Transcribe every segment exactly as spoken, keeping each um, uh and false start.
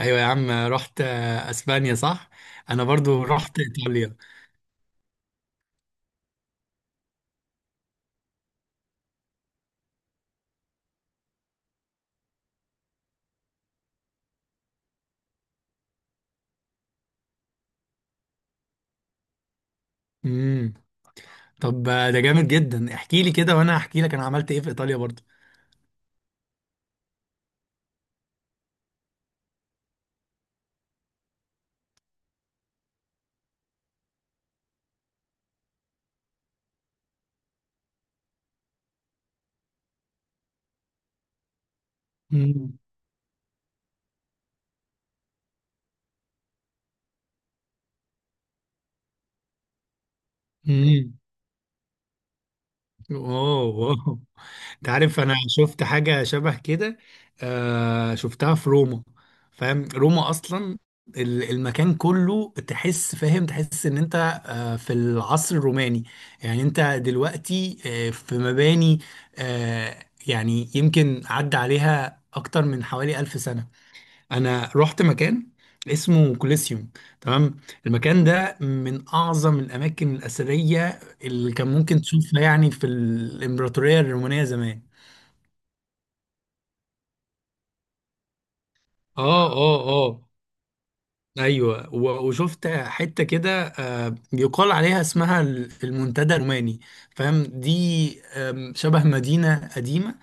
ايوه يا عم، رحت آه، اسبانيا صح. انا برضو رحت ايطاليا. امم. طب آه، ده جامد جدا، احكي لي كده وانا هحكي لك انا عملت ايه في ايطاليا برضو. امم. امم. اوه، أوه. انت عارف انا شفت حاجه شبه كده. آه، شفتها في روما، فاهم؟ روما اصلا ال- المكان كله تحس، فاهم؟ تحس ان انت آه في العصر الروماني، يعني انت دلوقتي آه في مباني آه، يعني يمكن عدى عليها اكتر من حوالي ألف سنه. انا رحت مكان اسمه كوليسيوم، تمام؟ المكان ده من اعظم الاماكن الاثريه اللي كان ممكن تشوفها يعني في الامبراطوريه الرومانيه زمان. اه اه اه، ايوه. و- وشفت حته كده آه، يقال عليها اسمها ال- المنتدى الروماني، فاهم دي؟ آم، شبه مدينه قديمه،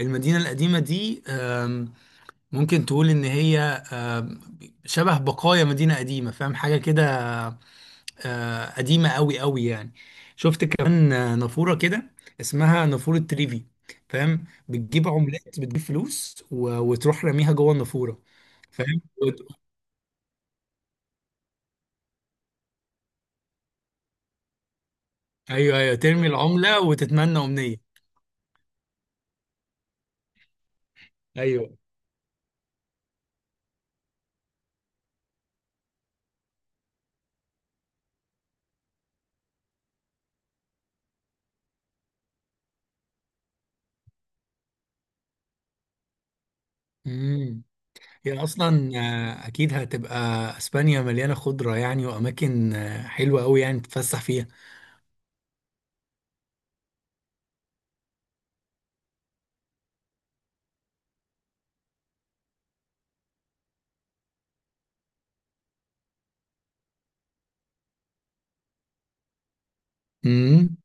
المدينه القديمه دي آم، ممكن تقول ان هي آم، شبه بقايا مدينه قديمه، فاهم حاجه كده؟ آه، قديمه قوي قوي يعني. شفت كمان آه، نافوره كده، اسمها نافوره تريفي، فاهم؟ بتجيب عملات، بتجيب فلوس و- وتروح راميها جوه النافوره، فاهم. ايوه ايوه، ترمي العملة وتتمنى امنية. ايوه. امم. هي اصلا آه، اكيد هتبقى، اسبانيا مليانة خضرة يعني، واماكن آه، حلوة قوي يعني تتفسح فيها. امم.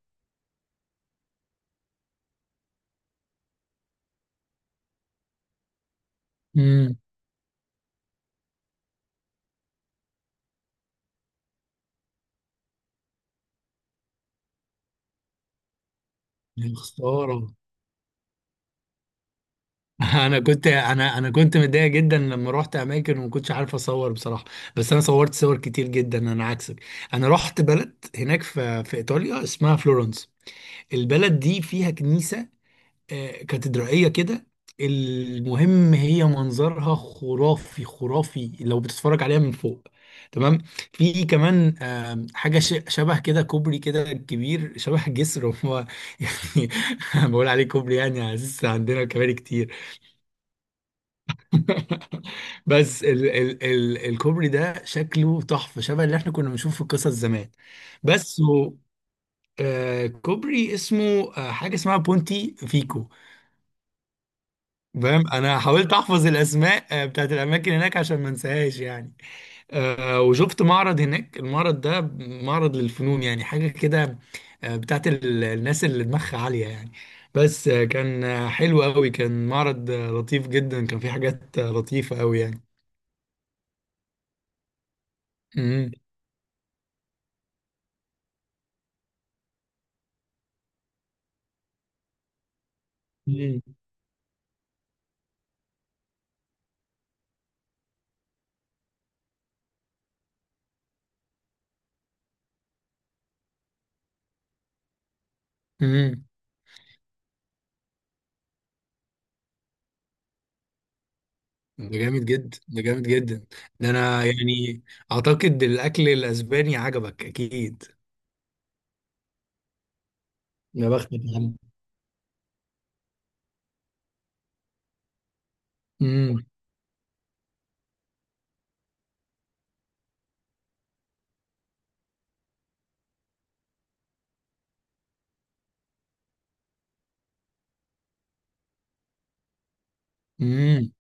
امم. يا خسارة. انا كنت، انا انا كنت متضايق جدا لما رحت اماكن وما كنتش عارف اصور بصراحة، بس انا صورت صور كتير جدا، انا عكسك. انا رحت بلد هناك في في ايطاليا اسمها فلورنس، البلد دي فيها كنيسة آه، كاتدرائية كده. المهم هي منظرها خرافي خرافي لو بتتفرج عليها من فوق، تمام؟ في كمان آم، حاجة ش- شبه كده، كوبري كده كبير، شبه جسر هو يعني. بقول عليه كوبري يعني على أساس عندنا كباري كتير. بس ال ال ال الكوبري ده شكله تحفة، شبه اللي احنا كنا بنشوفه في القصص زمان. بس هو آه، كوبري اسمه آه، حاجة اسمها بونتي فيكو. فاهم؟ انا حاولت احفظ الاسماء آه، بتاعت الاماكن هناك عشان ما انساهاش يعني. آه، وشفت معرض هناك، المعرض ده معرض للفنون يعني، حاجه كده آه، بتاعت ال- الناس اللي دماغها عاليه يعني. بس آه، كان آه، حلو قوي، كان معرض آه، لطيف جدا، كان فيه حاجات آه، لطيفه قوي يعني. امم. امم. أمم. ده جامد جدا، ده جامد جدا. ده انا يعني اعتقد الاكل الاسباني عجبك اكيد. يا بختك يا عم. امم. امم.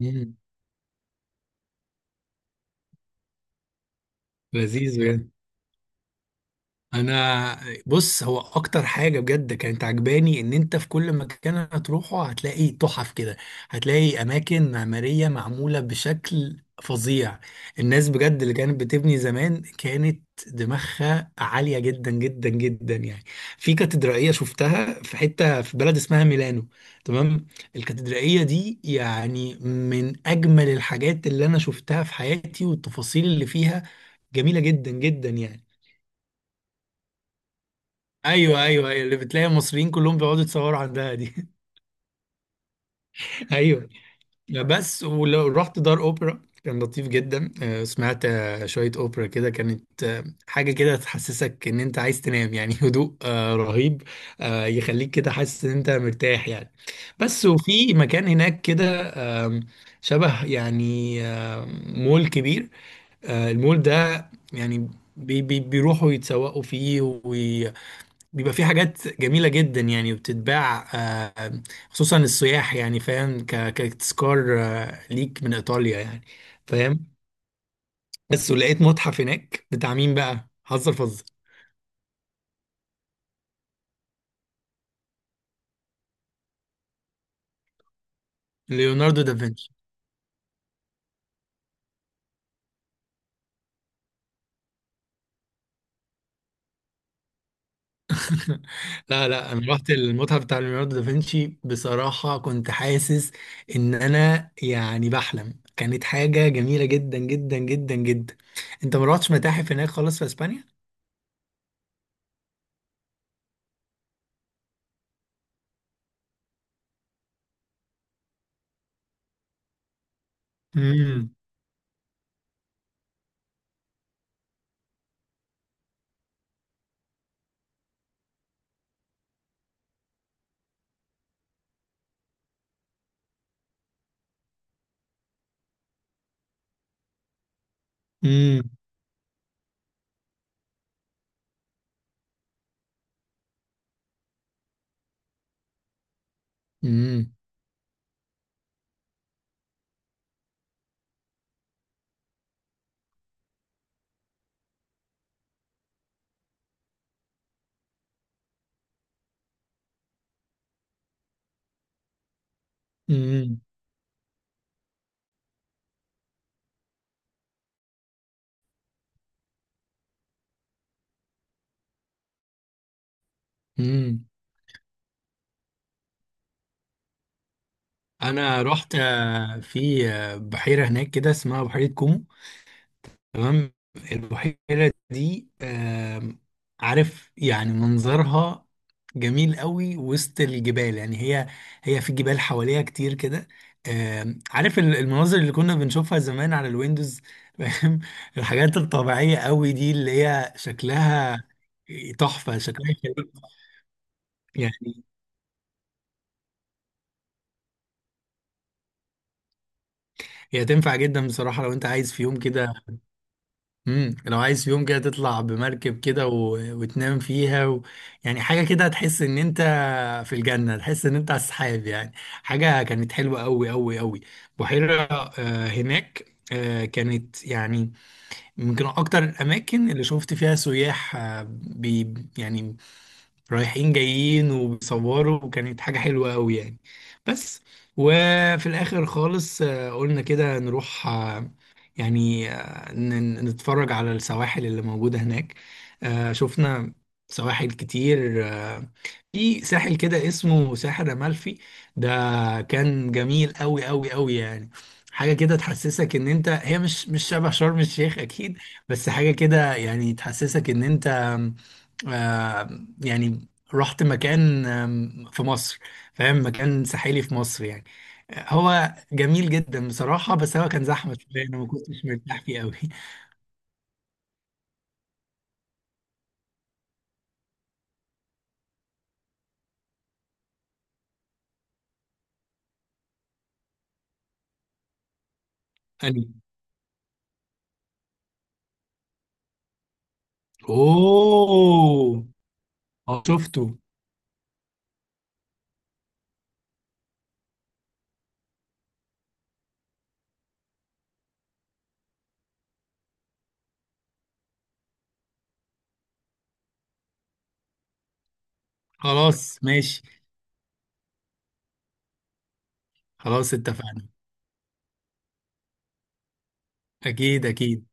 أمم. لذيذ بجد. انا بص، هو اكتر حاجه بجد كانت عجباني ان انت في كل مكان هتروحه هتلاقي تحف كده، هتلاقي اماكن معماريه معموله بشكل فظيع. الناس بجد اللي كانت بتبني زمان كانت دماغها عاليه جدا جدا جدا يعني. في كاتدرائيه شفتها في حته في بلد اسمها ميلانو، تمام؟ الكاتدرائيه دي يعني من اجمل الحاجات اللي انا شفتها في حياتي، والتفاصيل اللي فيها جميله جدا جدا يعني. ايوه ايوه ايوه، اللي بتلاقي المصريين كلهم بيقعدوا يتصوروا عندها دي. ايوه. بس ولو رحت دار اوبرا كان لطيف جدا. آه، سمعت آه، شويه اوبرا كده، كانت آه، حاجه كده تحسسك ان انت عايز تنام يعني. هدوء آه، رهيب، آه، يخليك كده حاسس ان انت مرتاح يعني. بس. وفي مكان هناك كده آم، شبه يعني آم، مول كبير، آه، المول ده يعني بي بي بيروحوا يتسوقوا فيه، بيبقى في حاجات جميلة جدا يعني وبتتباع آه، خصوصا السياح يعني، فاهم؟ ك- كتذكار آه، ليك من إيطاليا يعني، فاهم؟ بس. ولقيت متحف هناك بتاع مين بقى؟ هزر فزر. ليوناردو دافنشي. لا لا، انا رحت المتحف بتاع ليوناردو دافنشي، بصراحة كنت حاسس ان انا يعني بحلم، كانت حاجة جميلة جدا جدا جدا جدا. انت ما رحتش متاحف هناك خالص في اسبانيا؟ امم. امم. امم. امم. انا رحت آه، في آه، بحيره هناك كده اسمها بحيره كومو، تمام؟ البحيره دي آم، عارف يعني منظرها جميل قوي وسط الجبال يعني. هي، هي في جبال حواليها كتير كده. آم، عارف ال- المناظر اللي كنا بنشوفها زمان على الويندوز، فاهم؟ الحاجات الطبيعيه قوي دي اللي هي شكلها تحفه، شكلها يخليك- يعني هي تنفع جدا بصراحه لو انت عايز في يوم كده. امم. لو عايز في يوم كده تطلع بمركب كده و... وتنام فيها و... يعني، حاجه كده هتحس ان انت في الجنه، تحس ان انت على السحاب يعني. حاجه كانت حلوه قوي قوي قوي. بحيره آه هناك آه، كانت يعني يمكن اكتر الاماكن اللي شفت فيها سياح آه بي... يعني رايحين جايين وبيصوروا، وكانت حاجه حلوه قوي يعني. بس. وفي الاخر خالص آه قلنا كده نروح آه يعني آه، ن- نتفرج على السواحل اللي موجودة هناك. آه، شفنا سواحل كتير آه، في ساحل كده اسمه ساحل أمالفي. ده كان جميل قوي قوي قوي يعني، حاجة كده تحسسك ان انت، هي مش مش شبه شرم الشيخ اكيد. بس حاجة كده يعني تحسسك ان انت آه، يعني رحت مكان آم، في مصر، فاهم؟ مكان ساحلي في مصر يعني. آه، هو جميل جدا بصراحة، بس هو كان زحمة شوية، أنا ما كنتش مرتاح فيه قوي. أنا. أوه. آه، شفته. خلاص ماشي. خلاص اتفقنا. أكيد أكيد.